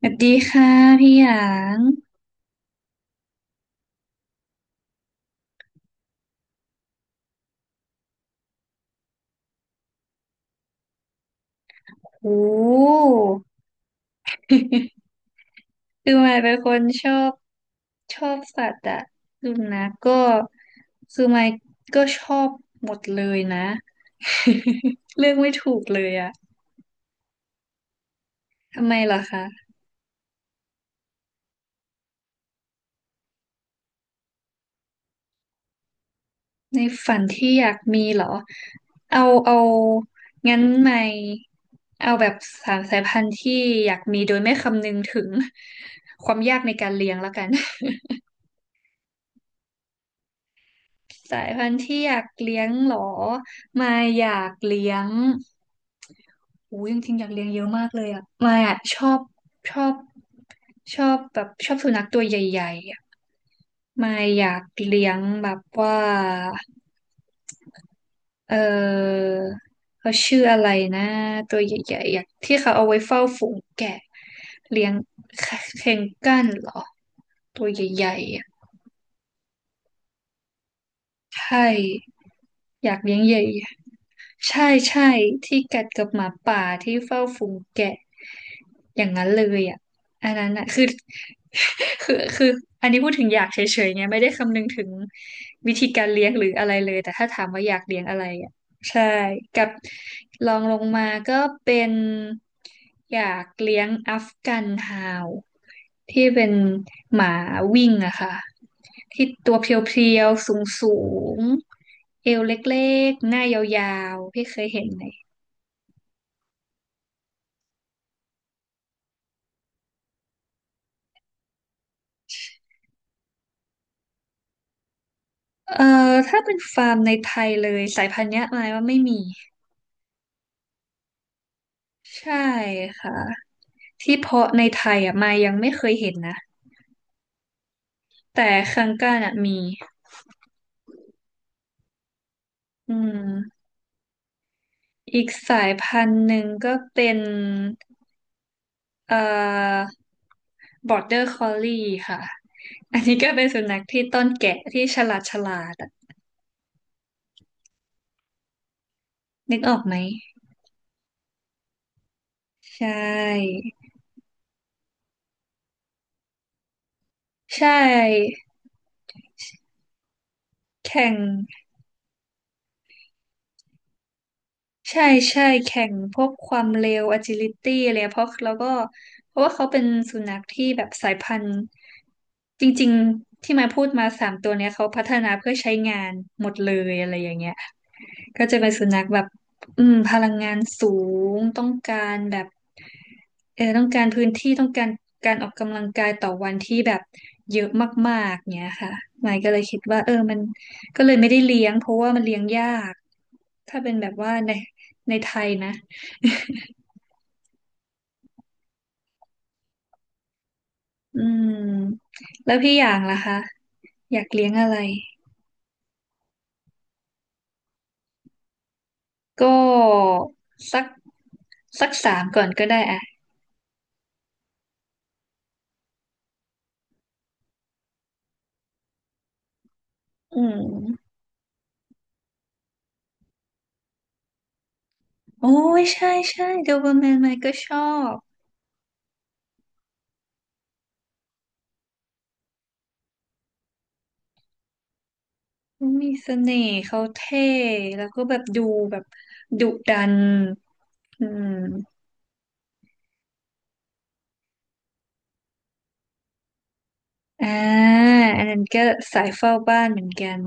สวัสดีค่ะพี่หยางโอ้คือมายเป็นคนชอบสัตว์อะสุนัขก็คือมายก็ชอบหมดเลยนะ เลือกไม่ถูกเลยอะทำไมเหรอคะในฝันที่อยากมีเหรอเอาเอางั้นมายเอาแบบสามสายพันธุ์ที่อยากมีโดยไม่คำนึงถึงความยากในการเลี้ยงแล้วกัน สายพันธุ์ที่อยากเลี้ยงเหรอมายอยากเลี้ยงอู้จริงๆอยากเลี้ยงเยอะมากเลยอ่ะมายอ่ะชอบชอบแบบชอบสุนัขตัวใหญ่ๆอ่ะมายอยากเลี้ยงแบบว่าเออเขาชื่ออะไรนะตัวใหญ่ๆอยากที่เขาเอาไว้เฝ้าฝูงแกะเลี้ยงเคเคนกันเหรอตัวใหญ่ๆอ่ะใช่อยากเลี้ยงใหญ่ ใช่ใช่ที่กัดกับหมาป่าที่เฝ้าฝูงแกะอย่างนั้นเลยอ่ะอันนั้นอ่ะคือ คืออันนี้พูดถึงอยากเฉยๆไงไม่ได้คำนึงถึงวิธีการเลี้ยงหรืออะไรเลยแต่ถ้าถามว่าอยากเลี้ยงอะไรอ่ะใช่กับลองลงมาก็เป็นอยากเลี้ยงอัฟกันฮาวที่เป็นหมาวิ่งอะค่ะที่ตัวเพรียวๆสูงๆเอวเล็กๆหน้ายาวๆพี่เคยเห็นไหม เอ่อถ้าเป็นฟาร์มในไทยเลยสายพันธุ์เนี้ยมายว่าไม่มีใช่ค่ะที่เพาะในไทยอ่ะมายยังไม่เคยเห็นนะแต่คังก้าน่ะมีอืมอีกสายพันธุ์หนึ่งก็เป็นเอ่อ Border Collie ค่ะอันนี้ก็เป็นสุนัขที่ต้อนแกะที่ฉลาดฉลาดอะนึกออกไหมใช่ใช่แข่ง ใช่ใช่แข่งพวกความเร็ว agility อะไรเงี้ยเพราะแล้วก็เพราะว่าเขาเป็นสุนัขที่แบบสายพันธุ์จริงๆที่มาพูดมาสามตัวเนี้ยเขาพัฒนาเพื่อใช้งานหมดเลยอะไรอย่างเงี้ย ก็จะเป็นสุนัขแบบอืมพลังงานสูงต้องการแบบเออต้องการพื้นที่ต้องการการออกกำลังกายต่อวันที่แบบเยอะมากๆเนี้ยค่ะหมายก็เลยคิดว่าเออมันก็เลยไม่ได้เลี้ยงเพราะว่ามันเลี้ยงยากถ้าเป็นแบบว่าในในไทยนะอืมแล้วพี่อย่างล่ะคะอยากเลี้ยงอะไรก็สักสักสามก่อนก็ได้อะอืมโอ้ยใช่ใช่โดเบอร์แมนไมค์ก็ชอบ เขามีเสน่ห์เขาเท่แล้วก็แบบดูแบบดุดันอืมอ่าอันนั้นก็สายเฝ้าบ้านเหมือนกัน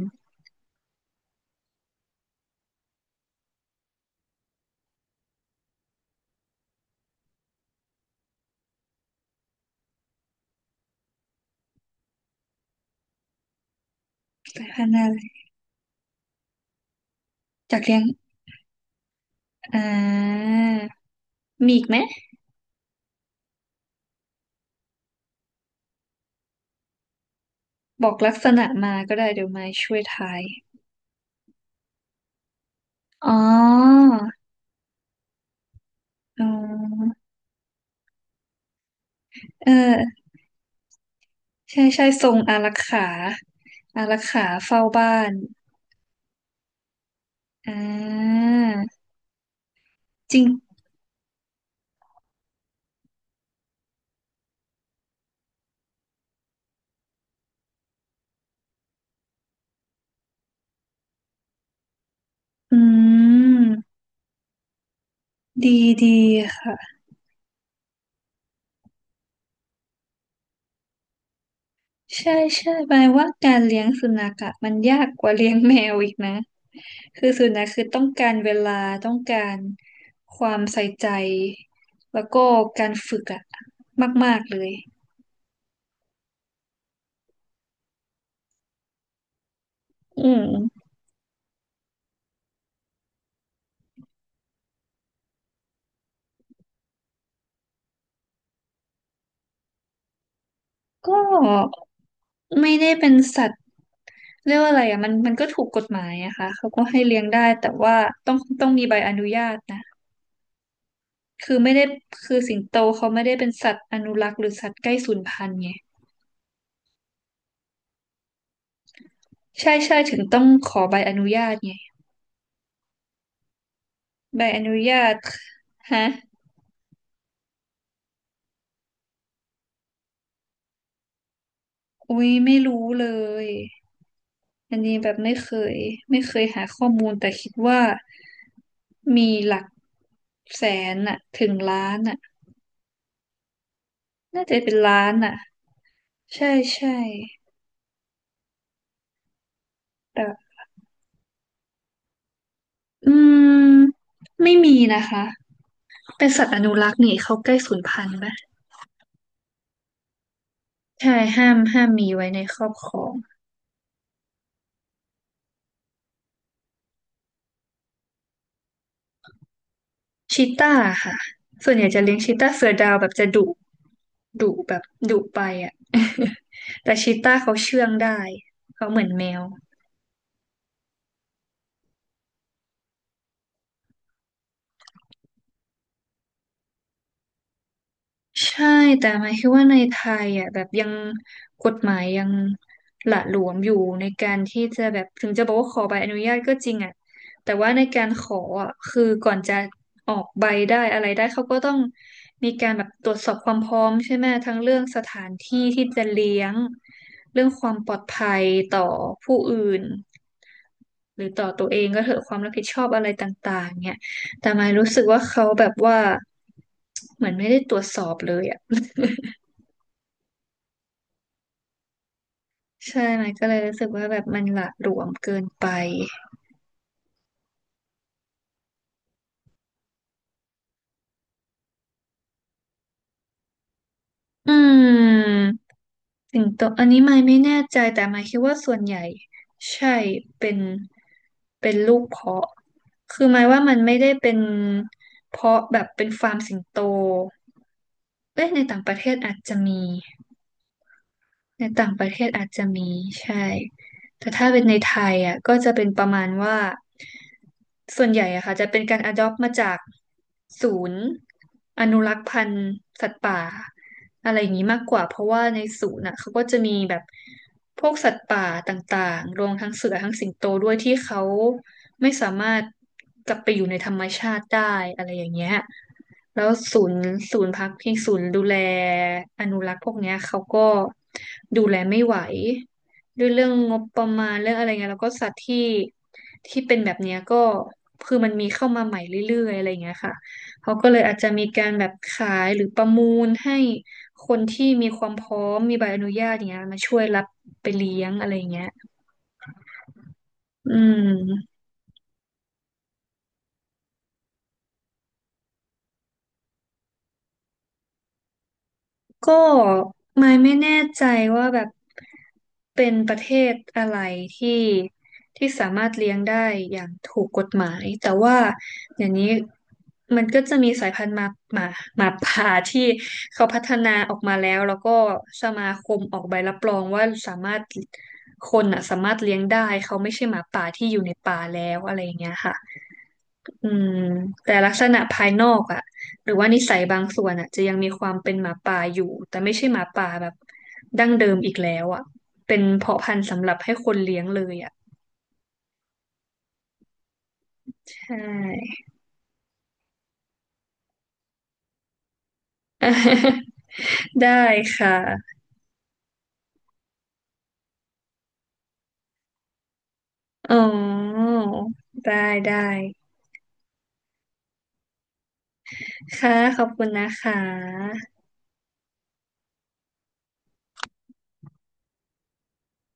สายพันธุ์อะไรจากเลี้ยงอ่ามีอีกไหมบอกลักษณะมาก็ได้เดี๋ยวไม้ช่วยทายอ๋ออ๋อเออใช่ใช่ทรงอารักขาอารักขาเฝ้าบ้านอ่าจริงอืมดีดีค่ะ ใช่ใช่หมายว่าการเลี้ยงสุนัขอะมันยากกว่าเลี้ยงแมวอีกนะคือสุนัขคือต้องการเวลาต้องการความใส่ใจแล้วก็การฝึกอะมากๆเลยอืมก็ไม่ได้เป็นสัตว์เรียกว่าอะไรอะมันมันก็ถูกกฎหมายอะค่ะเขาก็ให้เลี้ยงได้แต่ว่าต้องมีใบอนุญาตนะคือไม่ได้คือสิงโตเขาไม่ได้เป็นสัตว์อนุรักษ์หรือสัตว์ใกล้สูญพันธุ์ไงใช่ใช่ถึงต้องขอใบอนุญาตไง ใบอนุญาตฮะอุ้ยไม่รู้เลย อันนี้แบบไม่เคยหาข้อมูลแต่คิดว่ามีหลักแสนอะถึงล้านอะน่าจะเป็นล้านอะใช่ใช่แต่อืมไม่มีนะคะเป็นสัตว์อนุรักษ์นี่เขาใกล้สูญพันธุ์ปะใช่ห้ามมีไว้ในครอบครอง ชีต้าค่ะ ส่วนใหญ่จะเลี้ยงชีต้าเสือดาวแบบจะดุดุแบบดุไปอ่ะ แต่ชีต้าเขาเชื่องได้ เขาเหมือนแมว ใช่แต่หมายคิดว่าในไทยอ่ะแบบยังกฎหมายยังหละหลวมอยู่ในการที่จะแบบถึงจะบอกว่าขอใบอนุญาตก็จริงอ่ะแต่ว่าในการขออ่ะคือก่อนจะออกใบได้อะไรได้เขาก็ต้องมีการแบบตรวจสอบความพร้อมใช่ไหมทั้งเรื่องสถานที่ที่จะเลี้ยงเรื่องความปลอดภัยต่อผู้อื่น หรือต่อตัวเองก็เถอะความรับผิดชอบอะไรต่างๆเนี่ยแต่มายรู้สึกว่าเขาแบบว่าเหมือนไม่ได้ตรวจสอบเลยอ่ะ ใช่ไหมก็เลยรู้สึกว่าแบบมันหละหลวมเกินไปอืมสิงโตอันนี้ไมายไม่แน่ใจแต่ไม่ยคิดว่าส่วนใหญ่ใช่เป็นเป็นลูกเพาะคือหมายว่ามันไม่ได้เป็นเพาะแบบเป็นฟาร์มสิงโตเอ้ยในต่างประเทศอาจจะมี ในต่างประเทศอาจจะมีใช่ แต่ถ้าเป็นในไทยอ่ะก็จะเป็นประมาณว่าส่วนใหญ่อะค่ะจะเป็นการ adopt มาจากศูนย์อนุรักษ์พันธุ์สัตว์ป่าอะไรอย่างนี้มากกว่าเพราะว่าในศูนย์อ่ะเขาก็จะมีแบบพวกสัตว์ป่าต่างๆรวมทั้งเสือทั้งสิงโตด้วยที่เขา ไม่สามารถกลับไปอยู่ในธรรมชาติได้อะไรอย่างเงี้ยแล้วศูนย์ศูนย์พักพิงศูนย์ดูแลอนุรักษ์พวกเนี้ยเขาก็ดูแลไม่ไหวด้วยเรื่องงบประมาณเรื่องอะไรเงี้ยแล้วก็สัตว์ที่ที่เป็นแบบเนี้ยก็คือมันมีเข้ามาใหม่เรื่อยๆอะไรเงี้ยค่ะเขาก็เลยอาจจะมีการแบบขายหรือประมูลให้คนที่มีความพร้อมมีใบอนุญาตอย่างเงี้ยมาช่วยรับไปเลี้ยงอะไรเงี้ยอืม ก็ไม่แน่ใจว่าแบบเป็นประเทศอะไรที่ที่สามารถเลี้ยงได้อย่างถูกกฎหมายแต่ว่าอย่างนี้มันก็จะมีสายพันธุ์หมาหมาป่าที่เขาพัฒนาออกมาแล้วแล้วก็สมาคมออกใบรับรองว่าสามารถคนอ่ะสามารถเลี้ยงได้เขาไม่ใช่หมาป่าที่อยู่ในป่าแล้วอะไรอย่างเงี้ยค่ะ อืมแต่ลักษณะภายนอกอะหรือว่านิสัยบางส่วนอะจะยังมีความเป็นหมาป่าอยู่แต่ไม่ใช่หมาป่าแบบดั้งเดิมอีกแล้วอะเป็นเพาะพันธุ์สำหรับให้คนเลี้ยงเลยอะใช่ ได้ค่ะอ๋อได้ได้ค่ะขอบคุณนะคะ